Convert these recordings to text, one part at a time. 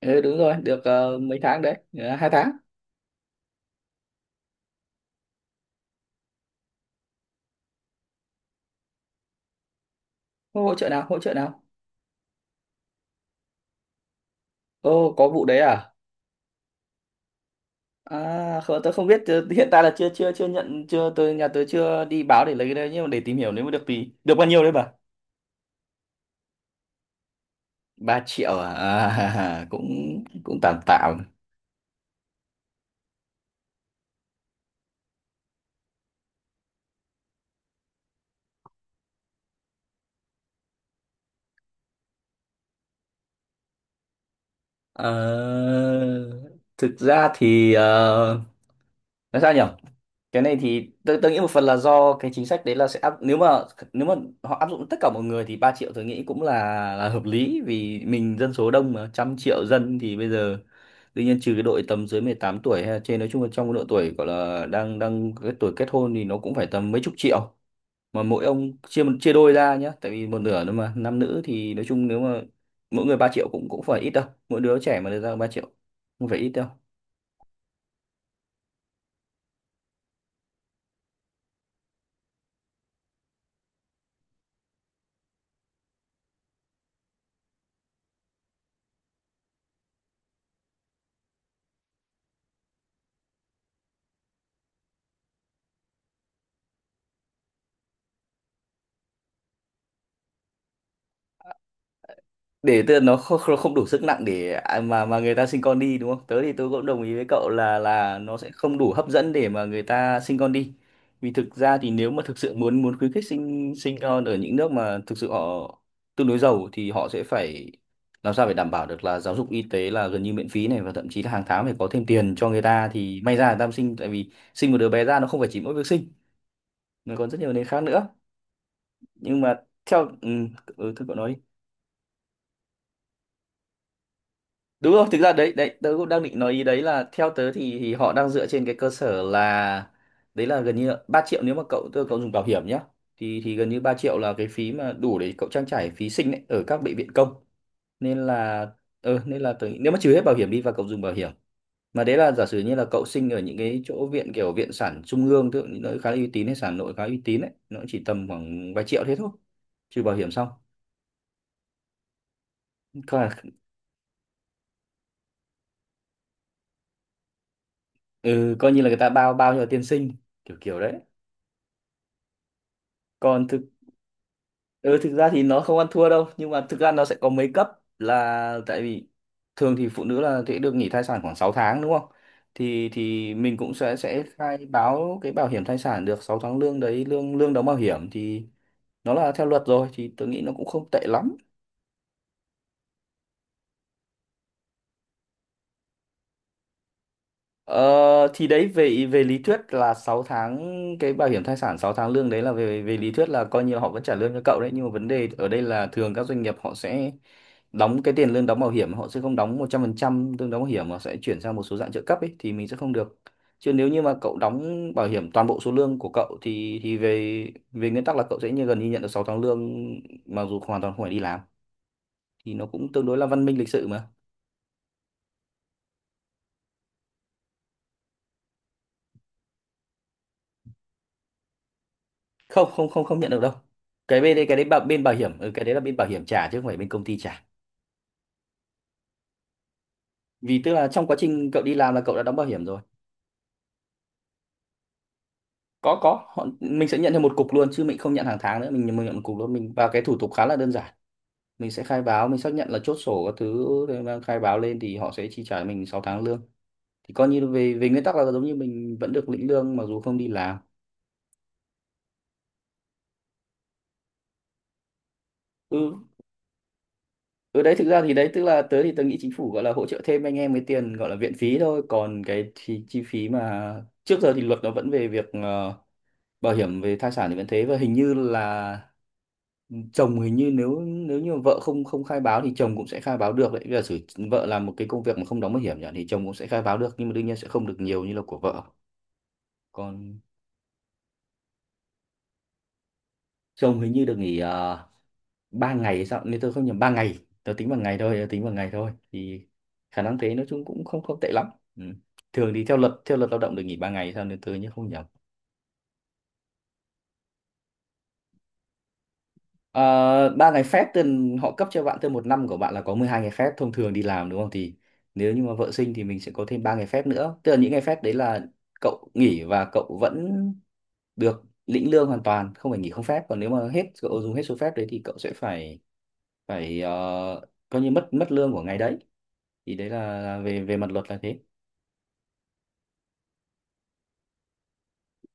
Ừ, đúng rồi, được mấy tháng đấy. Ờ, Hai tháng. Ô, hỗ trợ nào, hỗ trợ nào? Ô, có vụ đấy à? À, không, tôi không biết, hiện tại là chưa chưa chưa nhận, chưa tôi nhà tôi chưa đi báo để lấy cái đấy, nhưng mà để tìm hiểu nếu mà được thì được bao nhiêu đấy bà? Ba triệu à? À cũng cũng tạm tạm. Ờ, thực ra thì nói sao nhỉ? Cái này thì tôi nghĩ một phần là do cái chính sách đấy, là sẽ áp nếu mà nếu mà họ áp dụng tất cả mọi người thì 3 triệu tôi nghĩ cũng là hợp lý, vì mình dân số đông mà, trăm triệu dân thì bây giờ tuy nhiên trừ cái đội tầm dưới 18 tuổi hay là trên, nói chung là trong cái độ tuổi gọi là đang đang cái tuổi kết hôn thì nó cũng phải tầm mấy chục triệu. Mà mỗi ông chia chia đôi ra nhá, tại vì một nửa nữa mà nam nữ, thì nói chung nếu mà mỗi người 3 triệu cũng cũng phải ít đâu, mỗi đứa trẻ mà được ra 3 triệu không phải ít đâu. Để tức là nó không, không đủ sức nặng để à, mà người ta sinh con đi đúng không? Tớ thì tớ cũng đồng ý với cậu là nó sẽ không đủ hấp dẫn để mà người ta sinh con đi. Vì thực ra thì nếu mà thực sự muốn muốn khuyến khích sinh sinh con, ở những nước mà thực sự họ tương đối giàu thì họ sẽ phải làm sao phải đảm bảo được là giáo dục y tế là gần như miễn phí này, và thậm chí là hàng tháng phải có thêm tiền cho người ta thì may ra người ta mới sinh. Tại vì sinh một đứa bé ra nó không phải chỉ mỗi việc sinh, nó còn rất nhiều nền khác nữa. Nhưng mà theo ừ, thưa cậu nói đi. Đúng rồi, thực ra đấy đấy tớ cũng đang định nói ý đấy, là theo tớ thì họ đang dựa trên cái cơ sở là đấy là gần như là 3 triệu nếu mà cậu dùng bảo hiểm nhá, thì gần như 3 triệu là cái phí mà đủ để cậu trang trải phí sinh ấy, ở các bệnh viện công nên là. Nên là tớ nghĩ- nếu mà trừ hết bảo hiểm đi và cậu dùng bảo hiểm, mà đấy là giả sử như là cậu sinh ở những cái chỗ viện kiểu viện sản trung ương, tức là những nơi khá là uy tín, hay sản nội khá uy tín ấy, nó chỉ tầm khoảng vài triệu thế thôi, trừ bảo hiểm xong coi là, ừ, coi như là người ta bao bao cho tiền sinh kiểu kiểu đấy. Còn thực Ừ, thực ra thì nó không ăn thua đâu, nhưng mà thực ra nó sẽ có mấy cấp, là tại vì thường thì phụ nữ là sẽ được nghỉ thai sản khoảng 6 tháng đúng không, thì mình cũng sẽ khai báo cái bảo hiểm thai sản được 6 tháng lương đấy, lương lương đóng bảo hiểm thì nó là theo luật rồi thì tôi nghĩ nó cũng không tệ lắm. Ờ, thì đấy về về lý thuyết là 6 tháng, cái bảo hiểm thai sản 6 tháng lương đấy là về về lý thuyết là coi như là họ vẫn trả lương cho cậu đấy, nhưng mà vấn đề ở đây là thường các doanh nghiệp họ sẽ đóng cái tiền lương đóng bảo hiểm, họ sẽ không đóng 100% lương đóng bảo hiểm mà sẽ chuyển sang một số dạng trợ cấp ấy, thì mình sẽ không được. Chứ nếu như mà cậu đóng bảo hiểm toàn bộ số lương của cậu thì về về nguyên tắc là cậu sẽ như gần như nhận được 6 tháng lương, mặc dù hoàn toàn không phải đi làm, thì nó cũng tương đối là văn minh lịch sự mà. Không không không không nhận được đâu, cái bên đấy cái đấy bên bảo hiểm, cái đấy là bên bảo hiểm trả chứ không phải bên công ty trả, vì tức là trong quá trình cậu đi làm là cậu đã đóng bảo hiểm rồi. Có họ, mình sẽ nhận theo một cục luôn chứ mình không nhận hàng tháng nữa, mình nhận một cục luôn, mình và cái thủ tục khá là đơn giản. Mình sẽ khai báo, mình xác nhận là chốt sổ các thứ để mà khai báo lên thì họ sẽ chi trả mình 6 tháng lương, thì coi như về về nguyên tắc là giống như mình vẫn được lĩnh lương mặc dù không đi làm. Ừ. Ừ đấy, thực ra thì đấy tức là tớ thì tớ nghĩ chính phủ gọi là hỗ trợ thêm anh em cái tiền gọi là viện phí thôi, còn cái chi phí mà trước giờ thì luật nó vẫn về việc bảo hiểm về thai sản thì vẫn thế, và hình như là chồng hình như nếu nếu như vợ không không khai báo thì chồng cũng sẽ khai báo được đấy. Bây giờ sử vợ làm một cái công việc mà không đóng bảo hiểm nhỉ, thì chồng cũng sẽ khai báo được, nhưng mà đương nhiên sẽ không được nhiều như là của vợ. Còn chồng hình như được nghỉ ba ngày hay sao nếu tôi không nhầm, ba ngày, tôi tính bằng ngày thôi, thì khả năng thế, nói chung cũng không không tệ lắm. Ừ. Thường thì theo luật, lao động được nghỉ ba ngày hay sao nếu tôi nhớ không nhầm. Ờ, ba ngày phép thì họ cấp cho bạn thêm, một năm của bạn là có 12 ngày phép thông thường đi làm đúng không, thì nếu như mà vợ sinh thì mình sẽ có thêm ba ngày phép nữa, tức là những ngày phép đấy là cậu nghỉ và cậu vẫn được lĩnh lương, hoàn toàn không phải nghỉ không phép. Còn nếu mà hết, cậu dùng hết số phép đấy thì cậu sẽ phải phải coi như mất mất lương của ngày đấy, thì đấy là về về mặt luật là thế.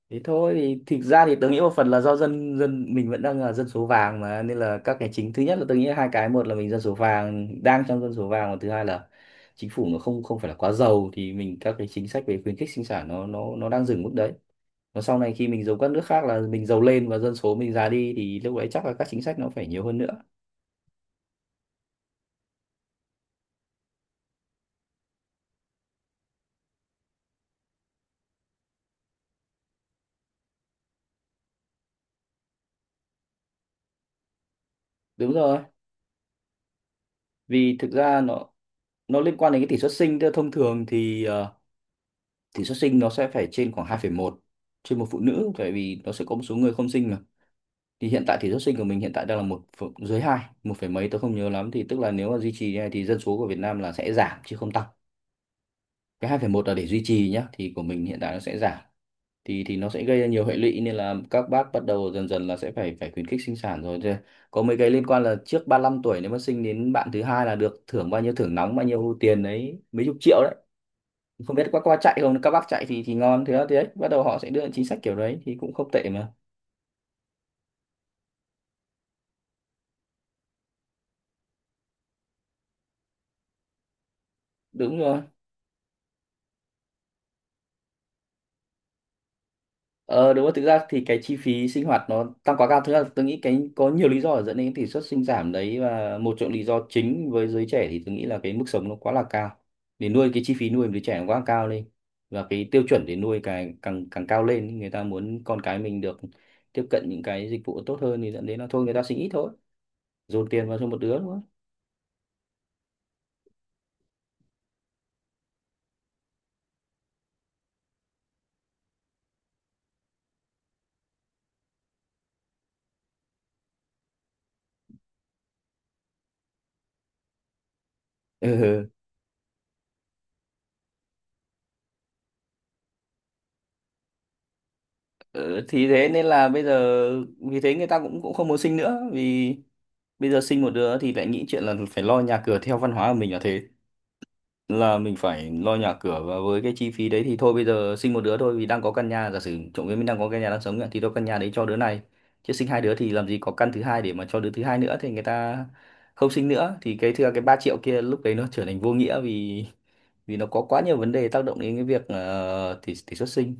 Thế thôi, thì thực ra thì tôi nghĩ một phần là do dân dân mình vẫn đang là dân số vàng mà, nên là các cái chính, thứ nhất là tôi nghĩ hai cái, một là mình dân số vàng, đang trong dân số vàng, và thứ hai là chính phủ nó không không phải là quá giàu, thì mình các cái chính sách về khuyến khích sinh sản nó nó đang dừng mức đấy. Và sau này khi mình giống các nước khác là mình giàu lên và dân số mình già đi thì lúc đấy chắc là các chính sách nó phải nhiều hơn nữa. Đúng rồi, vì thực ra nó liên quan đến cái tỷ suất sinh, tức là thông thường thì tỷ suất sinh nó sẽ phải trên khoảng 2,1 trên một phụ nữ, tại vì nó sẽ có một số người không sinh mà. Thì hiện tại tỷ suất sinh của mình hiện tại đang là dưới hai, một phẩy mấy tôi không nhớ lắm, thì tức là nếu mà duy trì như này thì dân số của Việt Nam là sẽ giảm chứ không tăng, cái 2,1 là để duy trì nhá, thì của mình hiện tại nó sẽ giảm. Thì nó sẽ gây ra nhiều hệ lụy nên là các bác bắt đầu dần dần là sẽ phải phải khuyến khích sinh sản rồi. Thế có mấy cái liên quan là trước 35 tuổi nếu mà sinh đến bạn thứ hai là được thưởng bao nhiêu, thưởng nóng bao nhiêu tiền đấy, mấy chục triệu. Không biết các qua chạy không, các bác chạy thì ngon, thế đó thế đấy, bắt đầu họ sẽ đưa những chính sách kiểu đấy thì cũng không tệ mà. Đúng rồi. Ờ đúng rồi, thực ra thì cái chi phí sinh hoạt nó tăng quá cao, thứ là tôi nghĩ cái có nhiều lý do để dẫn đến cái tỷ suất sinh giảm đấy, và một trong lý do chính với giới trẻ thì tôi nghĩ là cái mức sống nó quá là cao, để nuôi cái chi phí nuôi đứa trẻ nó quá cao lên, và cái tiêu chuẩn để nuôi càng càng càng cao lên, người ta muốn con cái mình được tiếp cận những cái dịch vụ tốt hơn, thì dẫn đến là thôi người ta sinh ít thôi, dồn tiền vào cho một đứa thôi. Ờ, thì thế nên là bây giờ, vì thế người ta cũng cũng không muốn sinh nữa. Vì bây giờ sinh một đứa thì lại nghĩ chuyện là phải lo nhà cửa, theo văn hóa của mình là thế, là mình phải lo nhà cửa. Và với cái chi phí đấy thì thôi bây giờ sinh một đứa thôi, vì đang có căn nhà, giả sử trộm vía mình đang có căn nhà đang sống ạ, thì tôi căn nhà đấy cho đứa này, chứ sinh hai đứa thì làm gì có căn thứ hai để mà cho đứa thứ hai nữa. Thì người ta không sinh nữa, thì cái thưa cái 3 triệu kia lúc đấy nó trở thành vô nghĩa. Vì vì nó có quá nhiều vấn đề tác động đến cái việc tỷ tỷ suất sinh.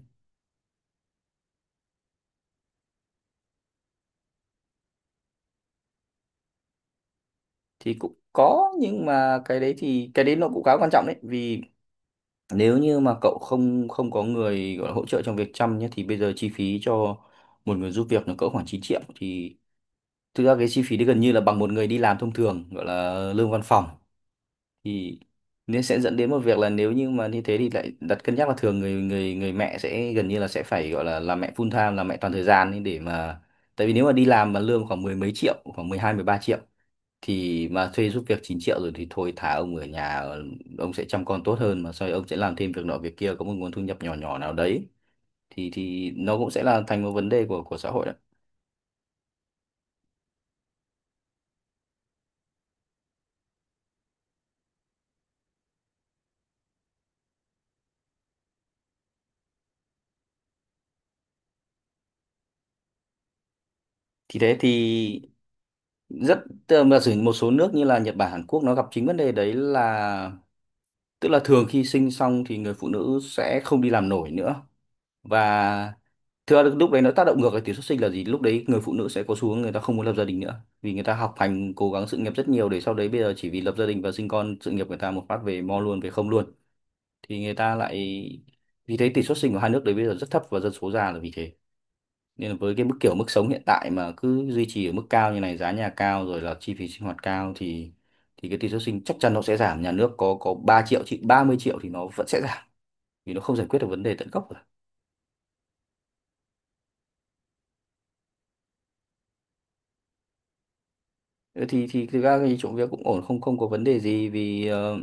Thì cũng có, nhưng mà cái đấy, thì cái đấy nó cũng khá quan trọng đấy. Vì nếu như mà cậu không không có người gọi là hỗ trợ trong việc chăm nhé, thì bây giờ chi phí cho một người giúp việc nó cỡ khoảng 9 triệu. Thì thực ra cái chi phí đấy gần như là bằng một người đi làm thông thường, gọi là lương văn phòng. Thì nên sẽ dẫn đến một việc là nếu như mà như thế thì lại đặt cân nhắc là thường người người người mẹ sẽ gần như là sẽ phải gọi là làm mẹ full time, làm mẹ toàn thời gian ấy để mà, tại vì nếu mà đi làm mà lương khoảng mười mấy triệu, khoảng 12-13 triệu, thì mà thuê giúp việc 9 triệu rồi thì thôi thả ông ở nhà. Ờ, ông sẽ chăm con tốt hơn, mà sau đấy ông sẽ làm thêm việc nọ việc kia, có một nguồn thu nhập nhỏ nhỏ nào đấy. Thì nó cũng sẽ là thành một vấn đề của xã hội đấy. Thì thế thì rất, tức là sử một số nước như là Nhật Bản, Hàn Quốc, nó gặp chính vấn đề đấy. Là tức là thường khi sinh xong thì người phụ nữ sẽ không đi làm nổi nữa. Và thưa lúc đấy nó tác động ngược lại tỷ suất sinh là gì, lúc đấy người phụ nữ sẽ có xu hướng người ta không muốn lập gia đình nữa, vì người ta học hành cố gắng sự nghiệp rất nhiều, để sau đấy bây giờ chỉ vì lập gia đình và sinh con, sự nghiệp người ta một phát về mo luôn, về không luôn. Thì người ta lại, vì thế tỷ suất sinh của hai nước đấy bây giờ rất thấp, và dân số già là vì thế. Nên là với cái mức, kiểu mức sống hiện tại mà cứ duy trì ở mức cao như này, giá nhà cao rồi là chi phí sinh hoạt cao, thì cái tỷ suất sinh chắc chắn nó sẽ giảm. Nhà nước có 3 triệu chị 30 triệu thì nó vẫn sẽ giảm, vì nó không giải quyết được vấn đề tận gốc. Ừ, thì thực ra thì chỗ việc cũng ổn, không không có vấn đề gì. Vì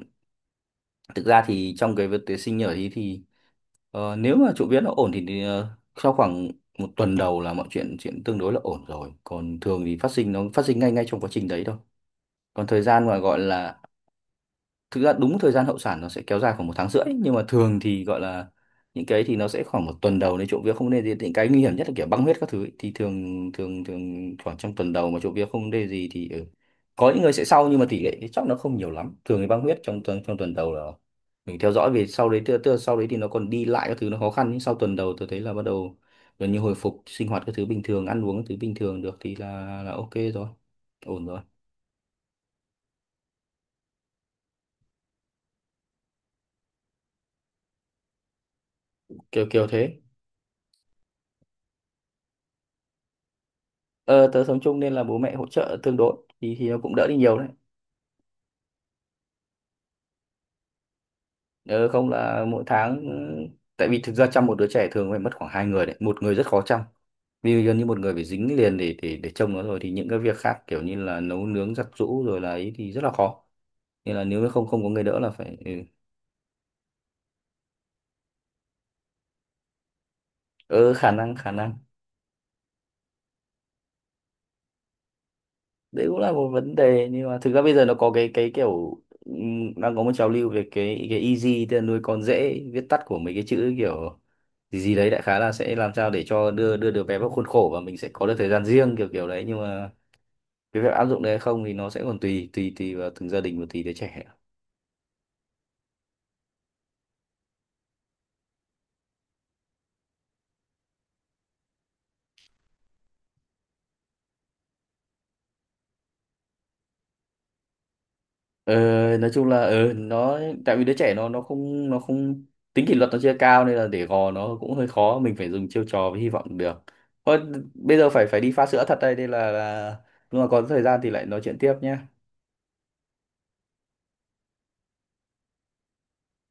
thực ra thì trong cái việc tuyển sinh nhở thì nếu mà chỗ việc nó ổn thì, thì sau khoảng một tuần đầu là mọi chuyện chuyện tương đối là ổn rồi. Còn thường thì phát sinh nó phát sinh ngay ngay trong quá trình đấy thôi. Còn thời gian mà gọi là, thực ra đúng thời gian hậu sản nó sẽ kéo dài khoảng một tháng rưỡi, nhưng mà thường thì gọi là những cái thì nó sẽ khoảng một tuần đầu đấy, trộm vía không nên gì, những cái nguy hiểm nhất là kiểu băng huyết các thứ ấy. Thì thường thường thường khoảng trong tuần đầu mà trộm vía không nên gì thì ừ. Có những người sẽ sau, nhưng mà tỷ lệ thì chắc nó không nhiều lắm. Thường thì băng huyết trong tuần đầu là mình theo dõi về sau đấy. Tức là sau đấy thì nó còn đi lại các thứ nó khó khăn, nhưng sau tuần đầu tôi thấy là bắt đầu gần như hồi phục, sinh hoạt các thứ bình thường, ăn uống các thứ bình thường được, thì là ok rồi, ổn rồi. Kiểu kiểu thế. Ờ, tớ sống chung nên là bố mẹ hỗ trợ tương đối, thì nó cũng đỡ đi nhiều đấy. Ờ, không là mỗi tháng ừ, tại vì thực ra chăm một đứa trẻ thường phải mất khoảng hai người đấy, một người rất khó chăm. Vì gần như một người phải dính liền để trông nó. Rồi thì những cái việc khác kiểu như là nấu nướng, giặt giũ rồi là ấy, thì rất là khó. Nên là nếu không không có người đỡ là phải ừ, Ờ, khả năng đấy cũng là một vấn đề. Nhưng mà thực ra bây giờ nó có cái kiểu đang có một trào lưu về cái easy, tức là nuôi con dễ, viết tắt của mấy cái chữ kiểu gì gì đấy, đại khái là sẽ làm sao để cho đưa đưa được bé vào khuôn khổ, và mình sẽ có được thời gian riêng kiểu kiểu đấy. Nhưng mà cái việc áp dụng đấy hay không thì nó sẽ còn tùy tùy tùy vào từng gia đình và tùy đứa trẻ. Ờ, nói chung là nó, tại vì đứa trẻ nó không tính kỷ luật nó chưa cao, nên là để gò nó cũng hơi khó, mình phải dùng chiêu trò với hy vọng được thôi. Bây giờ phải phải đi pha sữa thật đây, nên là lúc nào có thời gian thì lại nói chuyện tiếp nhé.